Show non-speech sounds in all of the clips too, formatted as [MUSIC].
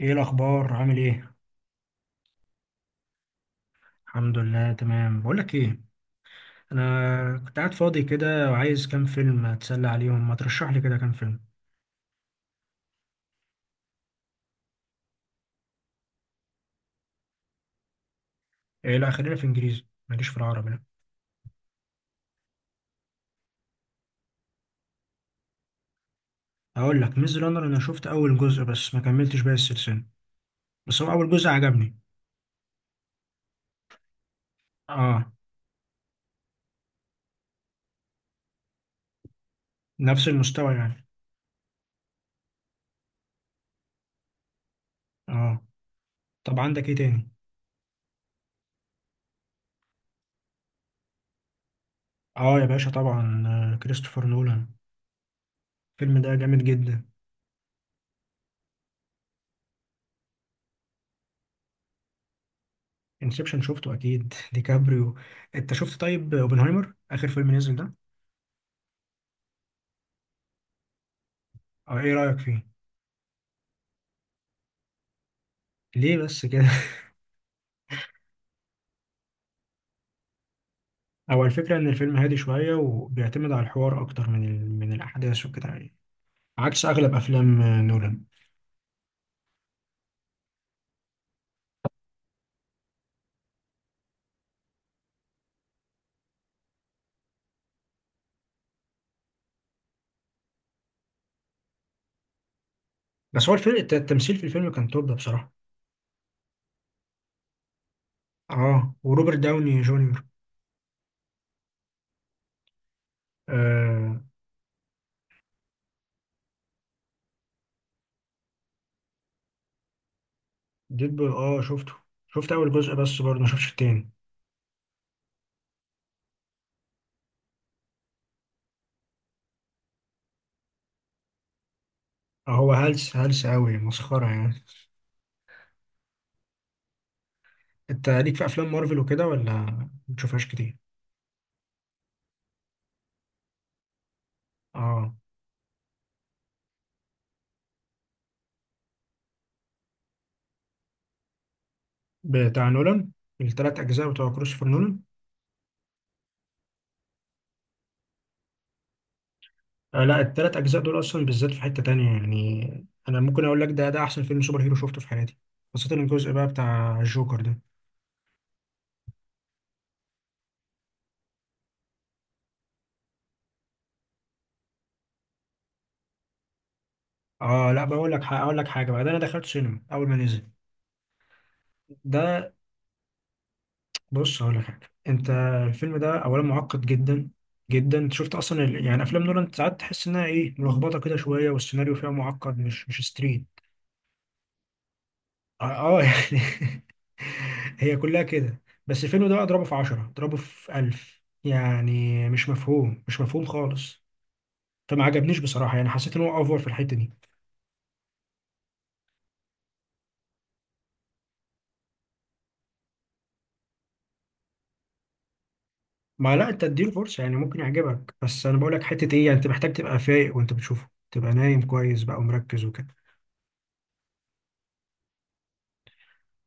ايه الاخبار؟ عامل ايه؟ الحمد لله تمام. بقول لك ايه، انا كنت قاعد فاضي كده وعايز كام فيلم اتسلى عليهم، ما ترشح لي كده كام فيلم. ايه، لا خلينا في انجليزي، ماليش في العربي لا. اقول لك ميز رانر، انا شفت اول جزء بس ما كملتش باقي السلسله. بس هو اول جزء عجبني. اه. نفس المستوى يعني. اه. طب عندك ايه تاني؟ اه يا باشا طبعا، كريستوفر نولان. الفيلم ده جامد جدا. انسبشن شفته اكيد [LAUGHS] ديكابريو. انت شفت طيب اوبنهايمر اخر فيلم نزل ده؟ او ايه رايك فيه؟ ليه بس كده؟ او الفكره ان الفيلم هادي شويه، وبيعتمد على الحوار اكتر من الاحداث وكده يعني. عكس اغلب افلام نولان. بس هو الفيلم التمثيل في الفيلم كان توب بصراحه. اه، وروبرت داوني جونيور. آه. ديدبول، اه شفته. شفت اول جزء بس، برضه ما شفتش التاني. آه هو هلس هلس قوي، مسخره يعني. انت ليك في افلام مارفل وكده ولا ما بتشوفهاش كتير؟ اه، بتاع نولان. التلات اجزاء بتوع كريستوفر نولان. آه لا، التلات أجزاء دول أصلا بالذات في حتة تانية. يعني أنا ممكن أقول لك، ده ده أحسن فيلم سوبر هيرو شفته في حياتي. خاصة الجزء بقى بتاع الجوكر ده. آه لا بقول لك حاجة، أقول لك حاجة بقى، ده أنا دخلت سينما أول ما نزل ده. بص هقول لك حاجة أنت، الفيلم ده أولا معقد جدا جدا. أنت شفت أصلا يعني أفلام نولان، ساعات تحس إنها إيه، ملخبطة كده شوية، والسيناريو فيها معقد، مش ستريت. آه, يعني [LAUGHS] هي كلها كده. بس الفيلم ده اضربه في 10، اضربه في 1000. يعني مش مفهوم، مش مفهوم خالص. فما عجبنيش بصراحه، يعني حسيت ان هو اوفر في الحته دي. ما لا انت اديله فرصه، يعني ممكن يعجبك. بس انا بقول لك حته ايه، يعني انت محتاج تبقى فايق وانت بتشوفه، تبقى نايم كويس بقى ومركز وكده.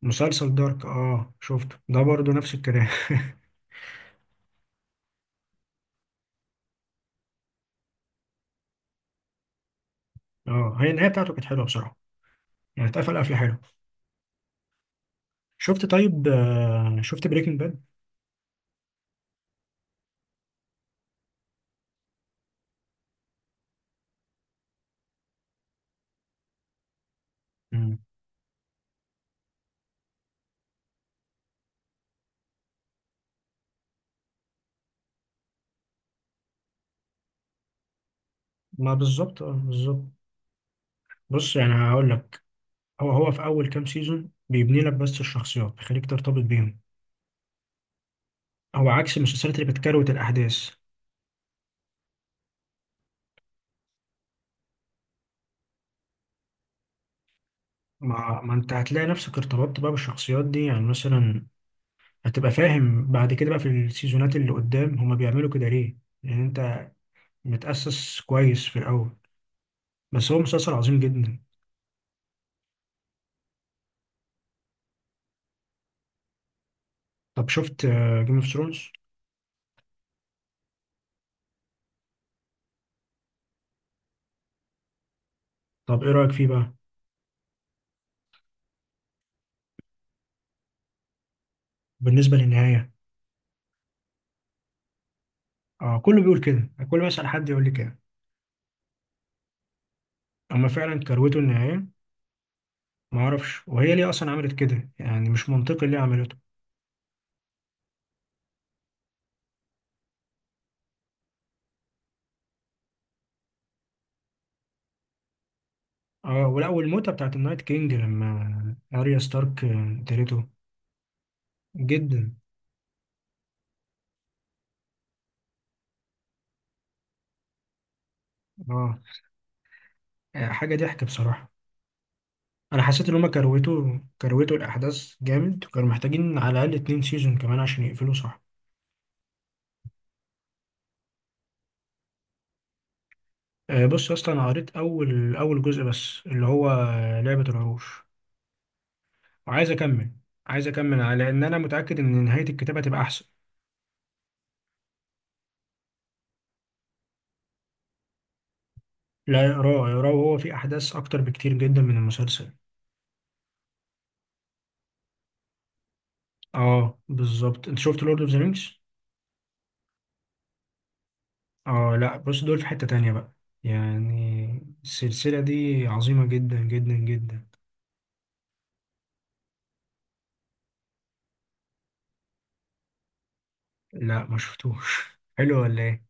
مسلسل دارك، اه شفته، ده برضه نفس الكلام [LAUGHS] اه هي النهايه بتاعته كانت حلوه بصراحه. يعني اتقفل قفله حلوه. شفت طيب، آه شفت بريكنج باد؟ مم. ما بالظبط، اه بالظبط. بص يعني هقول لك، هو في اول كام سيزون بيبني لك بس الشخصيات، بيخليك ترتبط بيهم. هو عكس المسلسلات اللي بتكروت الاحداث. ما انت هتلاقي نفسك ارتبطت بقى بالشخصيات دي، يعني مثلا هتبقى فاهم بعد كده بقى في السيزونات اللي قدام هما بيعملوا كده ليه، لان انت متأسس كويس في الاول. بس هو مسلسل عظيم جدا. طب شفت جيم اوف ثرونز؟ طب ايه رأيك فيه بقى؟ بالنسبة للنهاية؟ اه، كله بيقول كده، كل ما اسأل حد يقول لي كده. اما فعلا كروته النهاية. ما اعرفش، وهي ليه اصلا عملت كده؟ يعني مش منطقي ليه عملته. اه، ولا والموتة بتاعت النايت كينج لما اريا ستارك قتلته. جدا. اه. آه، حاجة ضحك بصراحة. أنا حسيت إن هما كروتوا الأحداث جامد، وكانوا محتاجين على الأقل 2 سيزون كمان عشان يقفلوا صح. بص يا اسطى، أنا قريت أول جزء بس اللي هو لعبة العروش، وعايز أكمل. لأن أنا متأكد إن نهاية الكتاب هتبقى أحسن. لا اقراه، اقراه، وهو فيه أحداث أكتر بكتير جدا من المسلسل. أه بالظبط. أنت شفت لورد أوف ذا رينجز؟ أه لأ، بص دول في حتة تانية بقى. يعني السلسلة دي عظيمة جدا جدا جدا. لا ما شفتوش [LAUGHS] حلو ولا ايه؟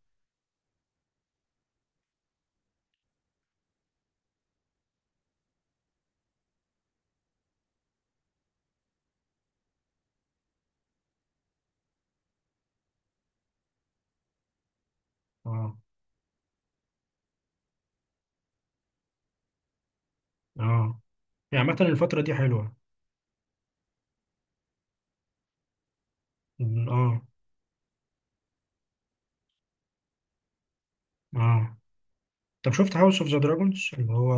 اه اه يعني. عامه الفتره دي حلوه. م، اه. اه. طب شفت هاوس اوف ذا دراجونز، اللي هو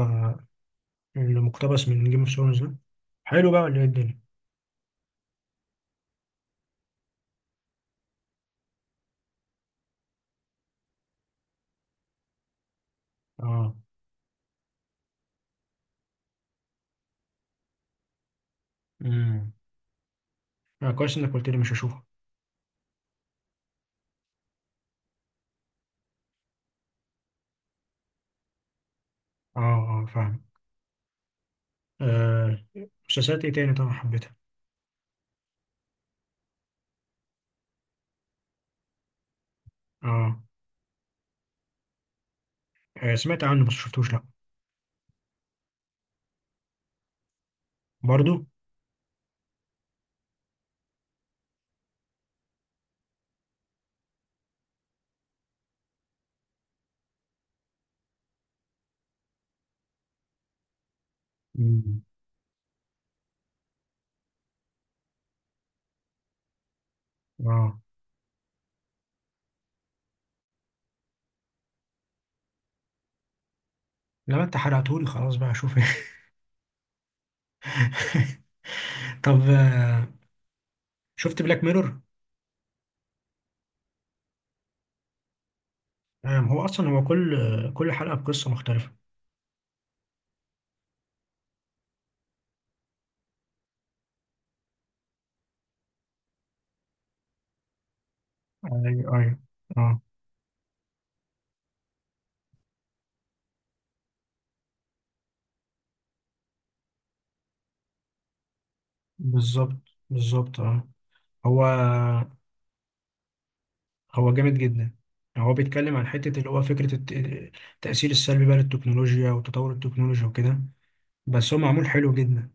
اللي مقتبس من جيم اوف ثرونز ده؟ حلو بقى ولا ايه الدنيا؟ اه. امم. آه كويس انك قلت لي، مش هشوفه. اه اه فاهم. آه. مسلسلات ايه تاني طبعا حبيتها؟ اه. آه، سمعت عنه بس شفتوش لا. برضو. مم. اه. لما انت حرقتهولي خلاص بقى اشوف [LAUGHS] طب آه، شفت بلاك ميرور؟ هو اصلا هو كل كل حلقه بقصه مختلفه. ايوه ايوه. اه. بالظبط، بالظبط اه. هو هو جامد جدا. هو بيتكلم عن حته اللي هو فكره التاثير السلبي بقى للتكنولوجيا وتطور التكنولوجيا وكده. بس هو معمول حلو جدا.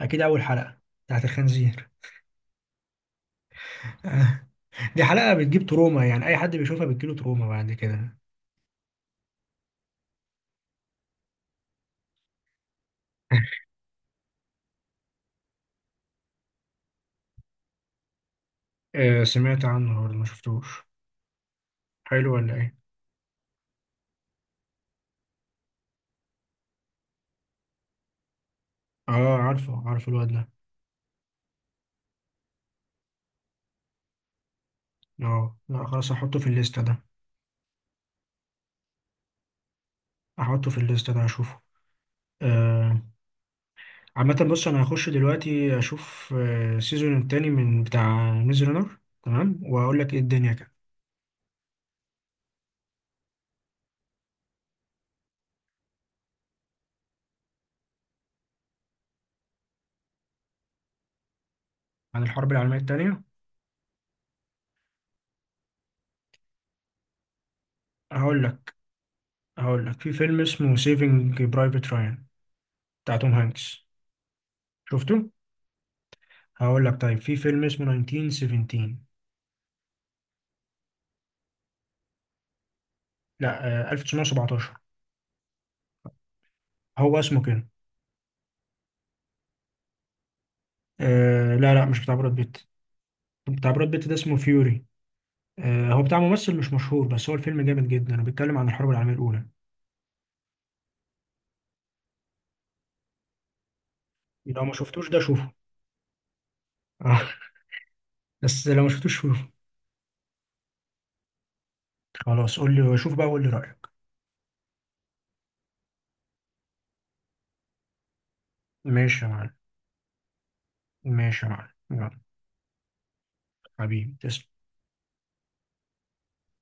اكيد اول حلقه، بتاعت الخنزير [LAUGHS] دي حلقه بتجيب تروما، يعني اي حد بيشوفها بتجيله تروما بعد كده [LAUGHS] آه سمعت عنه برضه، ما شفتوش. حلو ولا ايه؟ اه عارفه، عارف الواد ده. اه لا خلاص احطه في الليسته ده، احطه في الليسته ده، اشوفه. عامة بص أنا هخش دلوقتي أشوف السيزون التاني من بتاع ميز رانر، تمام، وأقول لك إيه الدنيا كده. عن الحرب العالمية التانية، هقول لك، هقول لك في فيلم اسمه سيفنج برايفت رايان، بتاع توم هانكس. شفته؟ هقول لك طيب في فيلم اسمه 1917. لا 1917 هو اسمه كده. آه لا لا، مش بتاع براد بيت. بتاع براد بيت ده اسمه فيوري. آه هو بتاع ممثل مش مشهور، بس هو الفيلم جامد جدا وبيتكلم عن الحرب العالمية الأولى. لو ما شفتوش ده شوفه [LAUGHS] آه. بس لو ما شفتوش، خلاص قول لي شوف بقى وقول لي رأيك. ماشي يا معلم. ماشي يا معلم، يلا. حبيبي تسلم.